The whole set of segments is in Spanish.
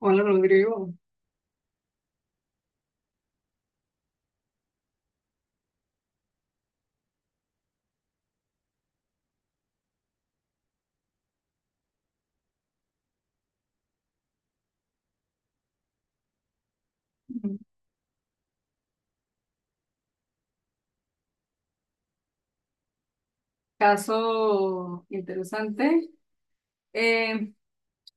Hola Rodrigo. Mm. Caso interesante. Eh,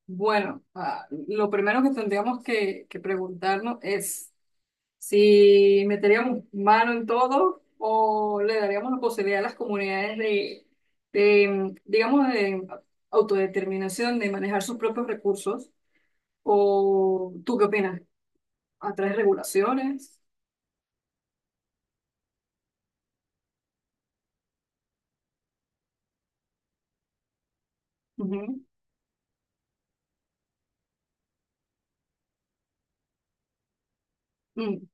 bueno, lo primero que tendríamos que preguntarnos es si meteríamos mano en todo o le daríamos la posibilidad a las comunidades de autodeterminación, de manejar sus propios recursos. ¿O tú qué opinas? ¿A través de regulaciones? Ujú. Mm,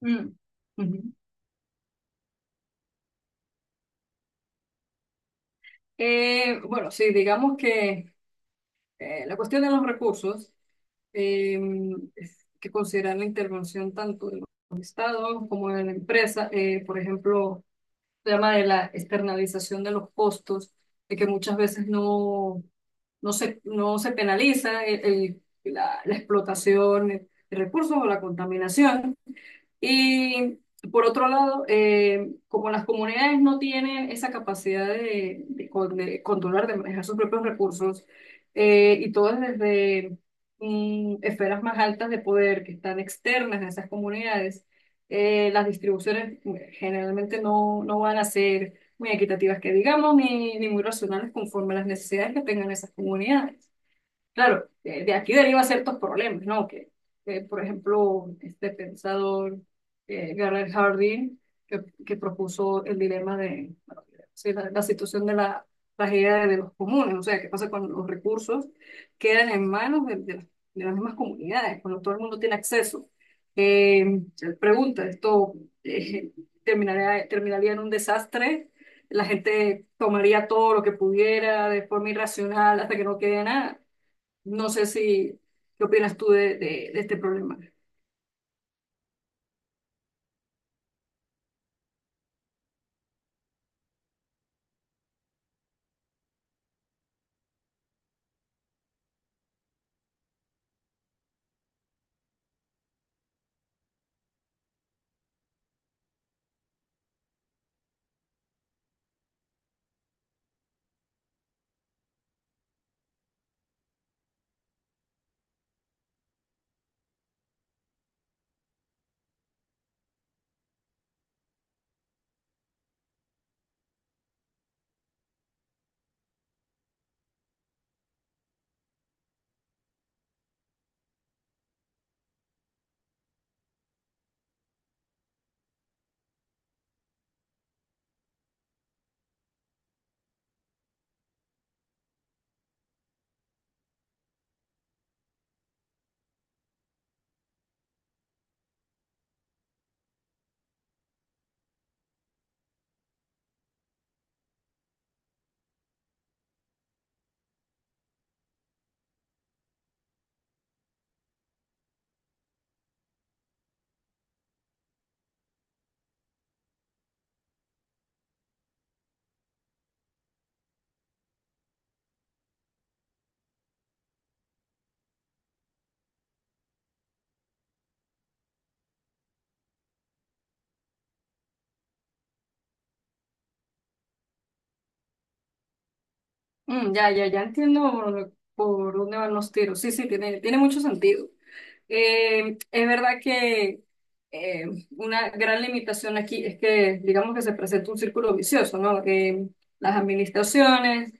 mm, ujú. Bueno, sí, digamos que la cuestión de los recursos, eh, es que considerar la intervención tanto de los estados como de la empresa, por ejemplo, el tema de la externalización de los costos, de que muchas veces no, no se penaliza la explotación de recursos o la contaminación. Y por otro lado, como las comunidades no tienen esa capacidad de controlar, de manejar sus propios recursos, y todo es desde esferas más altas de poder que están externas a esas comunidades, las distribuciones generalmente no van a ser muy equitativas, que digamos, ni muy racionales conforme a las necesidades que tengan esas comunidades. Claro, de aquí deriva ciertos problemas, ¿no? Por ejemplo, este pensador, Garret Hardin, que propuso el dilema de, bueno, sí, la situación de la tragedia de los comunes, o sea, qué pasa cuando los recursos quedan en manos de las mismas comunidades, cuando todo el mundo tiene acceso. Eh, Él pregunta, ¿esto eh, terminaría en un desastre? La gente tomaría todo lo que pudiera de forma irracional hasta que no quede nada. No sé si, ¿qué opinas tú de este problema? Mm, ya entiendo por dónde van los tiros. Sí, sí, tiene mucho sentido. Es verdad que eh, una gran limitación aquí es que, digamos que se presenta un círculo vicioso, ¿no? Las administraciones,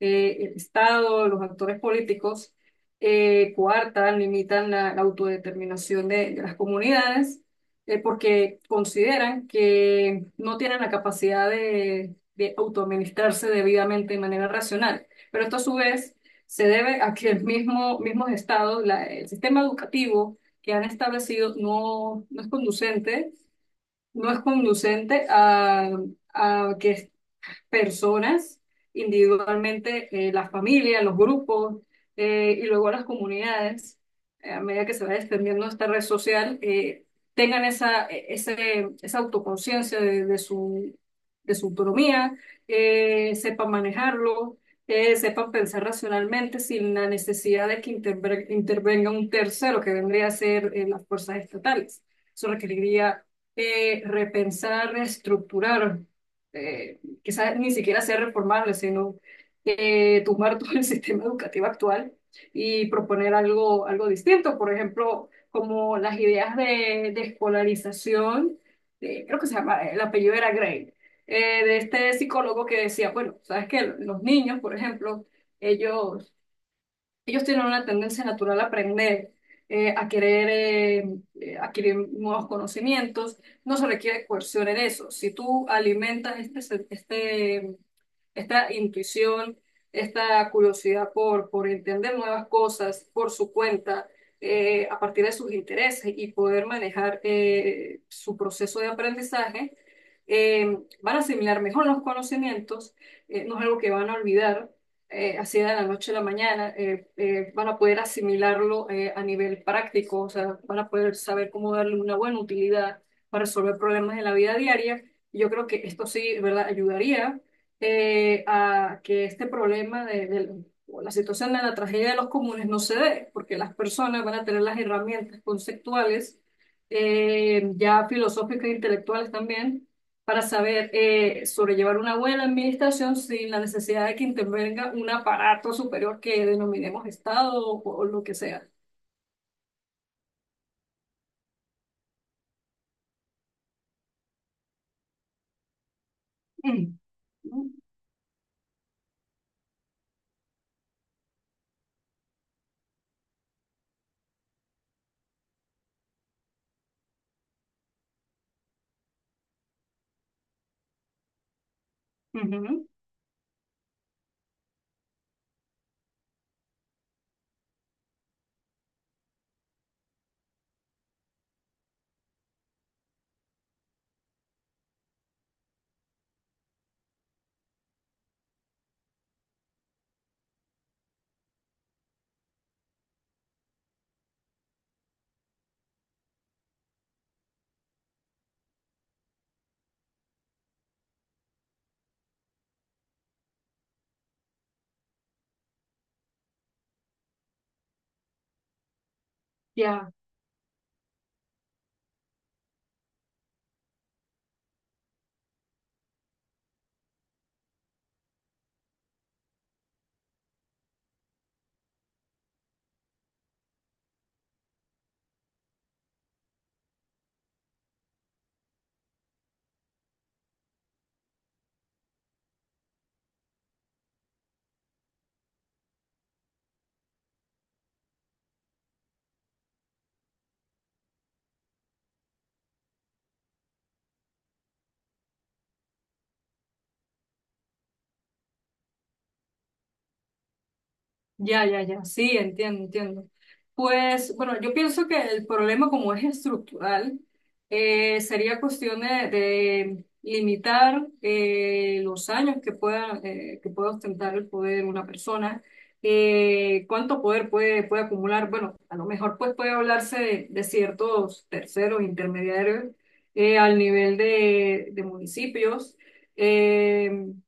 el Estado, los actores políticos coartan, limitan la autodeterminación de las comunidades, porque consideran que no tienen la capacidad de autoadministrarse debidamente de manera racional. Pero esto a su vez se debe a que mismos estados, el sistema educativo que han establecido no es conducente, no es conducente a que personas, individualmente, las familias, los grupos, y luego las comunidades, a medida que se va extendiendo esta red social, tengan esa, esa autoconciencia de su autonomía, sepan manejarlo, sepan pensar racionalmente sin la necesidad de que intervenga un tercero que vendría a ser las fuerzas estatales. Eso requeriría repensar, reestructurar, eh, quizás ni siquiera sea reformable, sino tumbar todo el sistema educativo actual y proponer algo distinto. Por ejemplo, como las ideas de escolarización, creo que se llama, el apellido era Gray, de este psicólogo que decía, bueno, sabes que los niños, por ejemplo, ellos ellos tienen una tendencia natural a aprender, a querer adquirir nuevos conocimientos. No se requiere coerción en eso. Si tú alimentas esta intuición, esta curiosidad por entender nuevas cosas por su cuenta, a partir de sus intereses y poder manejar su proceso de aprendizaje, eh, van a asimilar mejor los conocimientos, no es algo que van a olvidar así de la noche a la mañana, van a poder asimilarlo a nivel práctico, o sea, van a poder saber cómo darle una buena utilidad para resolver problemas en la vida diaria. Yo creo que esto sí, ¿verdad?, ayudaría, a que este problema o la situación de la tragedia de los comunes no se dé, porque las personas van a tener las herramientas conceptuales, ya filosóficas e intelectuales también, para saber sobrellevar una buena administración sin la necesidad de que intervenga un aparato superior que denominemos Estado o lo que sea. Mm. Ujú. Ya. Ya, sí, entiendo. Pues bueno, yo pienso que el problema como es estructural, sería cuestión de limitar los años que pueda ostentar el poder una persona, cuánto poder puede acumular. Bueno, a lo mejor pues puede hablarse de ciertos terceros intermediarios, al nivel de municipios. Em,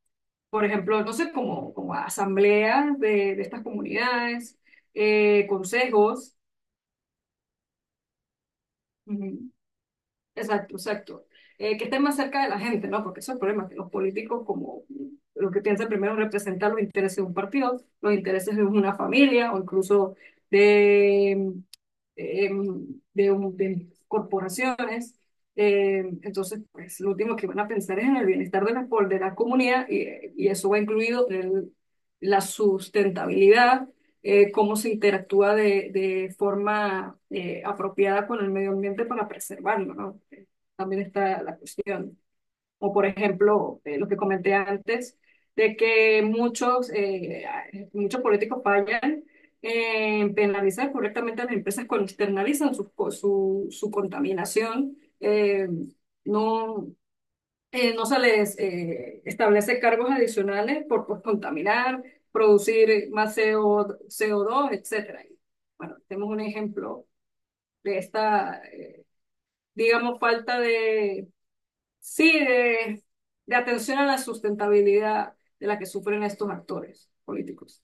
por ejemplo, no sé, como asambleas de estas comunidades, consejos. Ujú. Exacto. Que estén más cerca de la gente, ¿no? Porque eso es el problema, que los políticos como lo que piensan primero es representar los intereses de un partido, los intereses de una familia o incluso de, eh, de corporaciones. Entonces, pues lo último que van a pensar es en el bienestar de la comunidad, y eso va incluido en la sustentabilidad, cómo se interactúa de forma apropiada con el medio ambiente para preservarlo, ¿no? También está la cuestión. O por ejemplo, lo que comenté antes, de que muchos políticos fallan en penalizar correctamente a las empresas cuando externalizan su contaminación. No, no se les establece cargos adicionales por, pues, contaminar, producir más CO2, etcétera. Bueno, tenemos un ejemplo de esta, digamos, falta de, sí, de atención a la sustentabilidad de la que sufren estos actores políticos.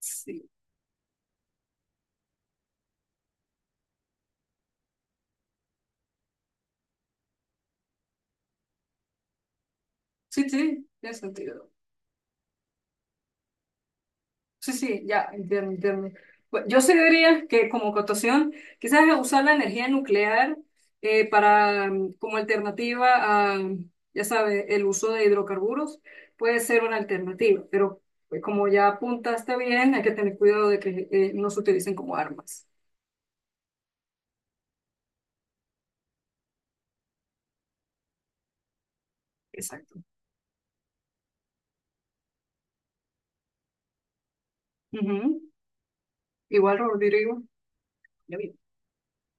Sí, sí, sí, tiene sentido. Sí, sí, ya, entiendo. Yo sí diría que como cotación, quizás usar la energía nuclear para como alternativa a, ya sabe, el uso de hidrocarburos puede ser una alternativa, pero, como ya apuntaste bien, hay que tener cuidado de que no se utilicen como armas. Exacto. Ujú. Igual, Rodrigo.